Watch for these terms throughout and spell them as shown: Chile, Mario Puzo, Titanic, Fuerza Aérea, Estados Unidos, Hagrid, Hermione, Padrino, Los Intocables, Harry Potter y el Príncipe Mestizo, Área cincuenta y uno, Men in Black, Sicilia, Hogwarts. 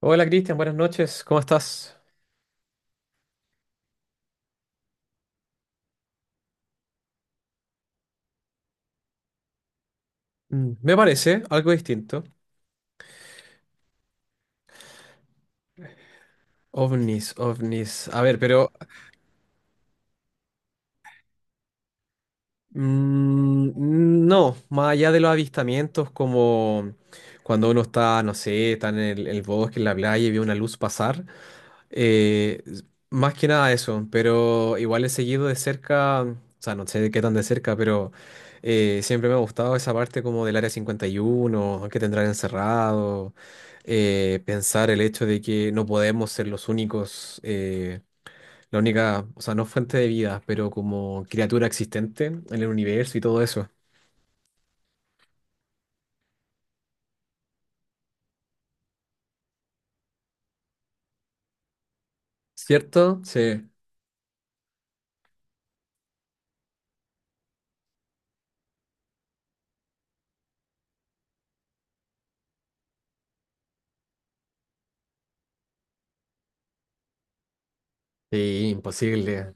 Hola Cristian, buenas noches, ¿cómo estás? Me parece algo distinto. OVNIs, OVNIs. A ver, pero Mm, no, más allá de los avistamientos, como cuando uno está, no sé, está en el bosque, en la playa y ve una luz pasar, eh, s- más que nada eso, pero igual he seguido de cerca, o sea, no sé de qué tan de cerca, pero siempre me ha gustado esa parte como del Área 51 que tendrán encerrado. Pensar el hecho de que no podemos ser los únicos. La única, o sea, no fuente de vida, pero como criatura existente en el universo y todo eso. ¿Cierto? Sí. Sí, imposible,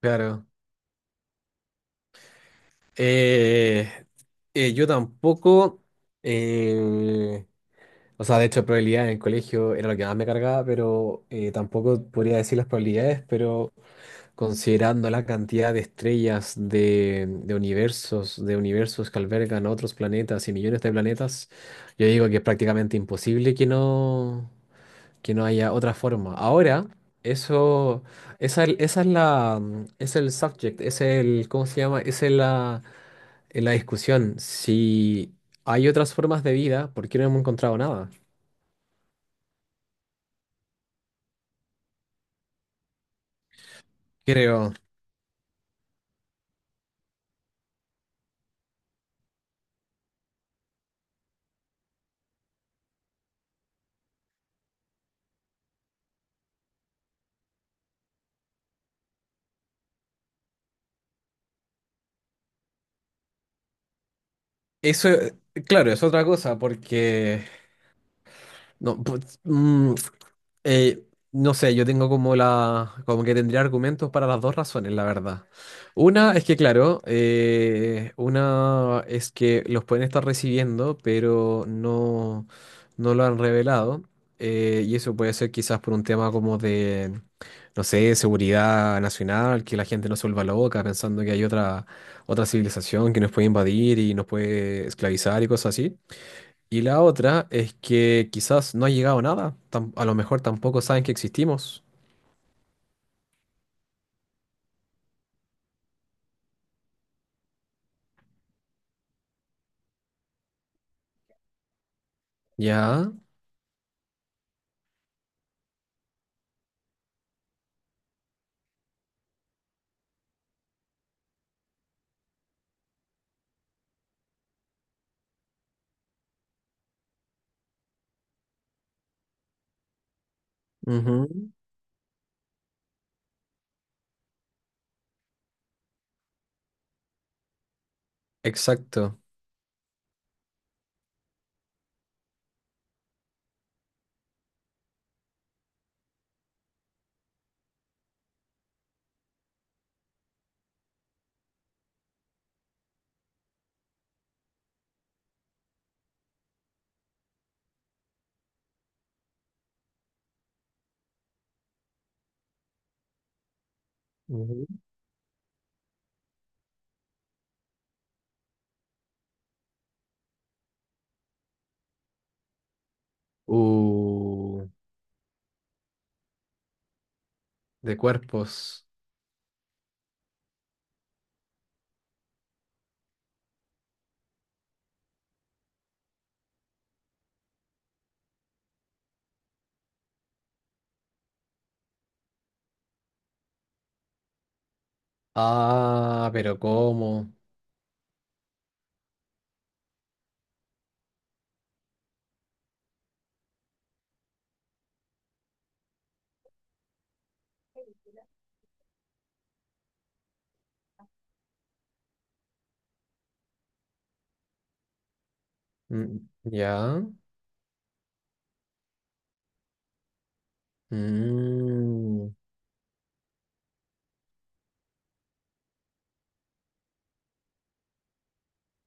claro. Eh, yo tampoco, eh, o sea, de hecho, probabilidad en el colegio era lo que más me cargaba, pero tampoco podría decir las probabilidades, pero considerando la cantidad de estrellas, de universos que albergan otros planetas y millones de planetas, yo digo que es prácticamente imposible que no. Que no haya otra forma. Ahora, eso, esa es la, es el subject, es el, ¿cómo se llama? Es la discusión. Si hay otras formas de vida, ¿por qué no hemos encontrado nada? Creo. Eso, claro, es otra cosa, porque no, pues, Eh, no sé, yo tengo como la, como que tendría argumentos para las dos razones, la verdad. Una es que, claro, una es que los pueden estar recibiendo, pero no lo han revelado. Y eso puede ser quizás por un tema como de, no sé, seguridad nacional, que la gente no se vuelva loca pensando que hay otra, otra civilización que nos puede invadir y nos puede esclavizar y cosas así. Y la otra es que quizás no ha llegado nada. A lo mejor tampoco saben que existimos. Ya. Ujú. Exacto. Ujú. Uh, de cuerpos. Ah, pero ¿cómo? Mm, ya. Mm.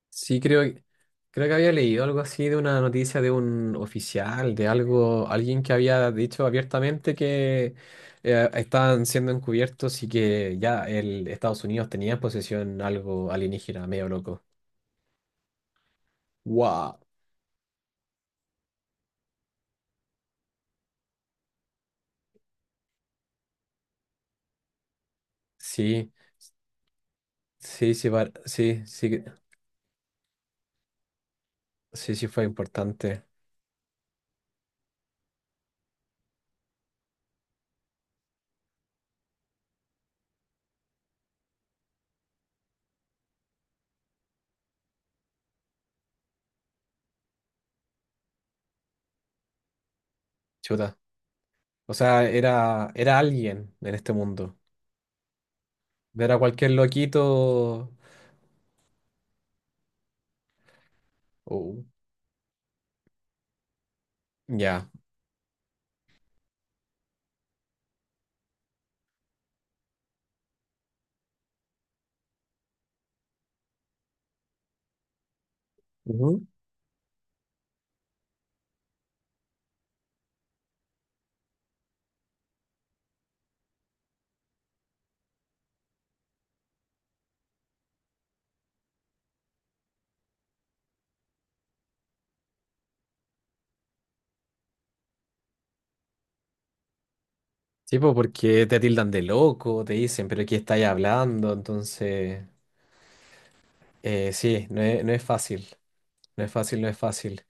Sí, creo, creo que había leído algo así de una noticia de un oficial, de algo, alguien que había dicho abiertamente que estaban siendo encubiertos y que ya el Estados Unidos tenía en posesión algo alienígena, medio loco. Wow. Sí, sí, sí, sí, sí, sí, sí fue importante. Chuta. O sea, era, era alguien en este mundo. Era cualquier loquito. Oh, ya. Sí, pues porque te tildan de loco, te dicen, pero ¿qué estáis hablando? Entonces, sí, no es, no es fácil, no es fácil, no es fácil.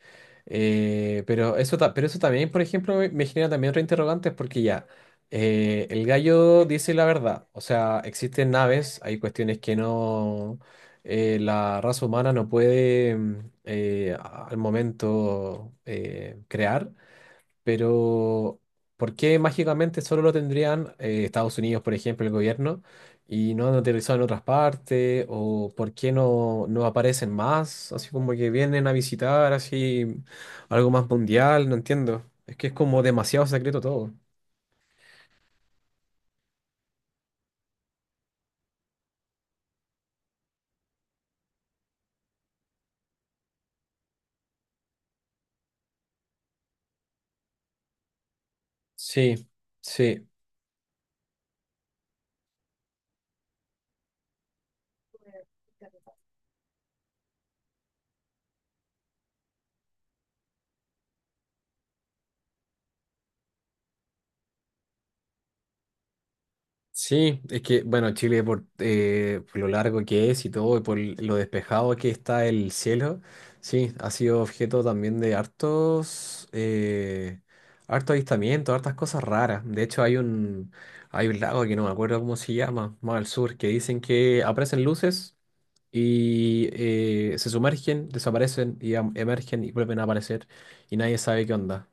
Pero eso, pero eso también, por ejemplo, me genera también otro interrogante, porque ya, el gallo dice la verdad, o sea, existen naves, hay cuestiones que no, la raza humana no puede al momento crear. Pero, ¿por qué mágicamente solo lo tendrían Estados Unidos, por ejemplo, el gobierno, y no han aterrizado en otras partes? ¿O por qué no, no aparecen más? Así como que vienen a visitar, así algo más mundial, no entiendo. Es que es como demasiado secreto todo. Sí, sí. Sí, es que, bueno, Chile por lo largo que es y todo, y por lo despejado que está el cielo, sí, ha sido objeto también de hartos, harto avistamiento, hartas cosas raras. De hecho, hay un lago que no me acuerdo cómo se llama, más al sur, que dicen que aparecen luces y se sumergen, desaparecen y emergen y vuelven a aparecer y nadie sabe qué onda.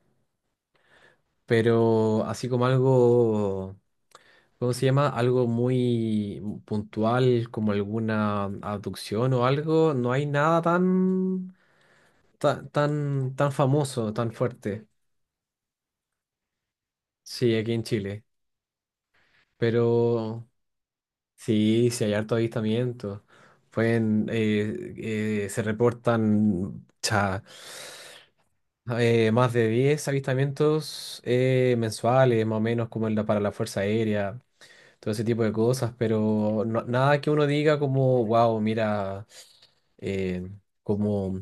Pero así como algo... ¿Cómo se llama? Algo muy puntual, como alguna abducción o algo. No hay nada tan, tan, famoso, tan fuerte. Sí, aquí en Chile. Pero sí, sí hay harto avistamiento. Pueden, se reportan más de 10 avistamientos mensuales, más o menos, como en para la Fuerza Aérea, todo ese tipo de cosas. Pero nada que uno diga como, wow, mira. eh, Como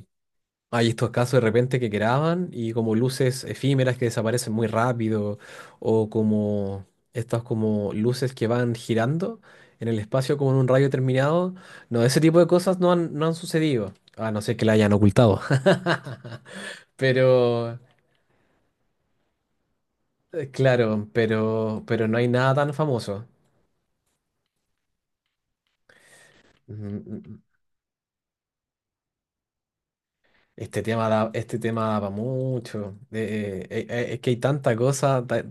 hay estos casos de repente que graban y como luces efímeras que desaparecen muy rápido o como estas como luces que van girando en el espacio como en un radio determinado. No, ese tipo de cosas no han, no han sucedido, a no ser que la hayan ocultado. Pero, claro, pero no hay nada tan famoso. Ujú, ujú. Este tema da para mucho. Es que hay tanta cosa.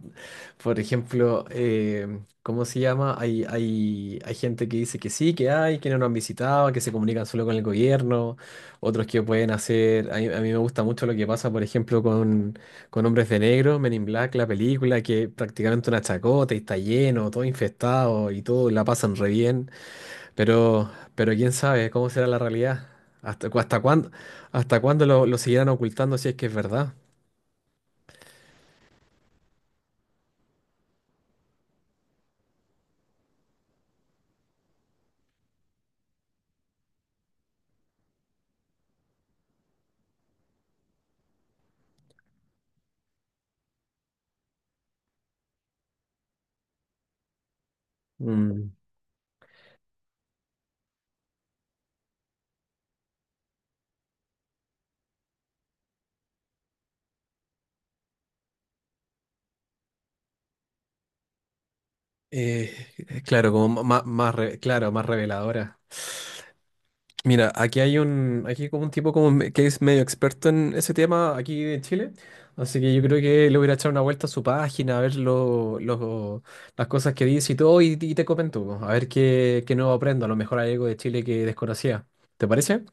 Por ejemplo, ¿cómo se llama? Hay gente que dice que sí, que hay, que no nos han visitado, que se comunican solo con el gobierno. Otros que pueden hacer. A mí me gusta mucho lo que pasa, por ejemplo, con Hombres de Negro, Men in Black, la película, que es prácticamente una chacota y está lleno, todo infestado y todo la pasan re bien. Pero quién sabe cómo será la realidad. ¿Hasta, hasta cuándo lo seguirán ocultando si es que es verdad? Mm, Eh, claro, como más, más, claro, más reveladora. Mira, aquí como un tipo como que es medio experto en ese tema aquí en Chile. Así que yo creo que le voy a echar una vuelta a su página, a ver lo, las cosas que dice y todo, y te comento, po, a ver qué, qué nuevo aprendo. A lo mejor hay algo de Chile que desconocía. ¿Te parece?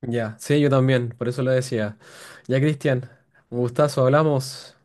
Ya, sí, yo también, por eso lo decía. Ya, Cristian, un gustazo, hablamos.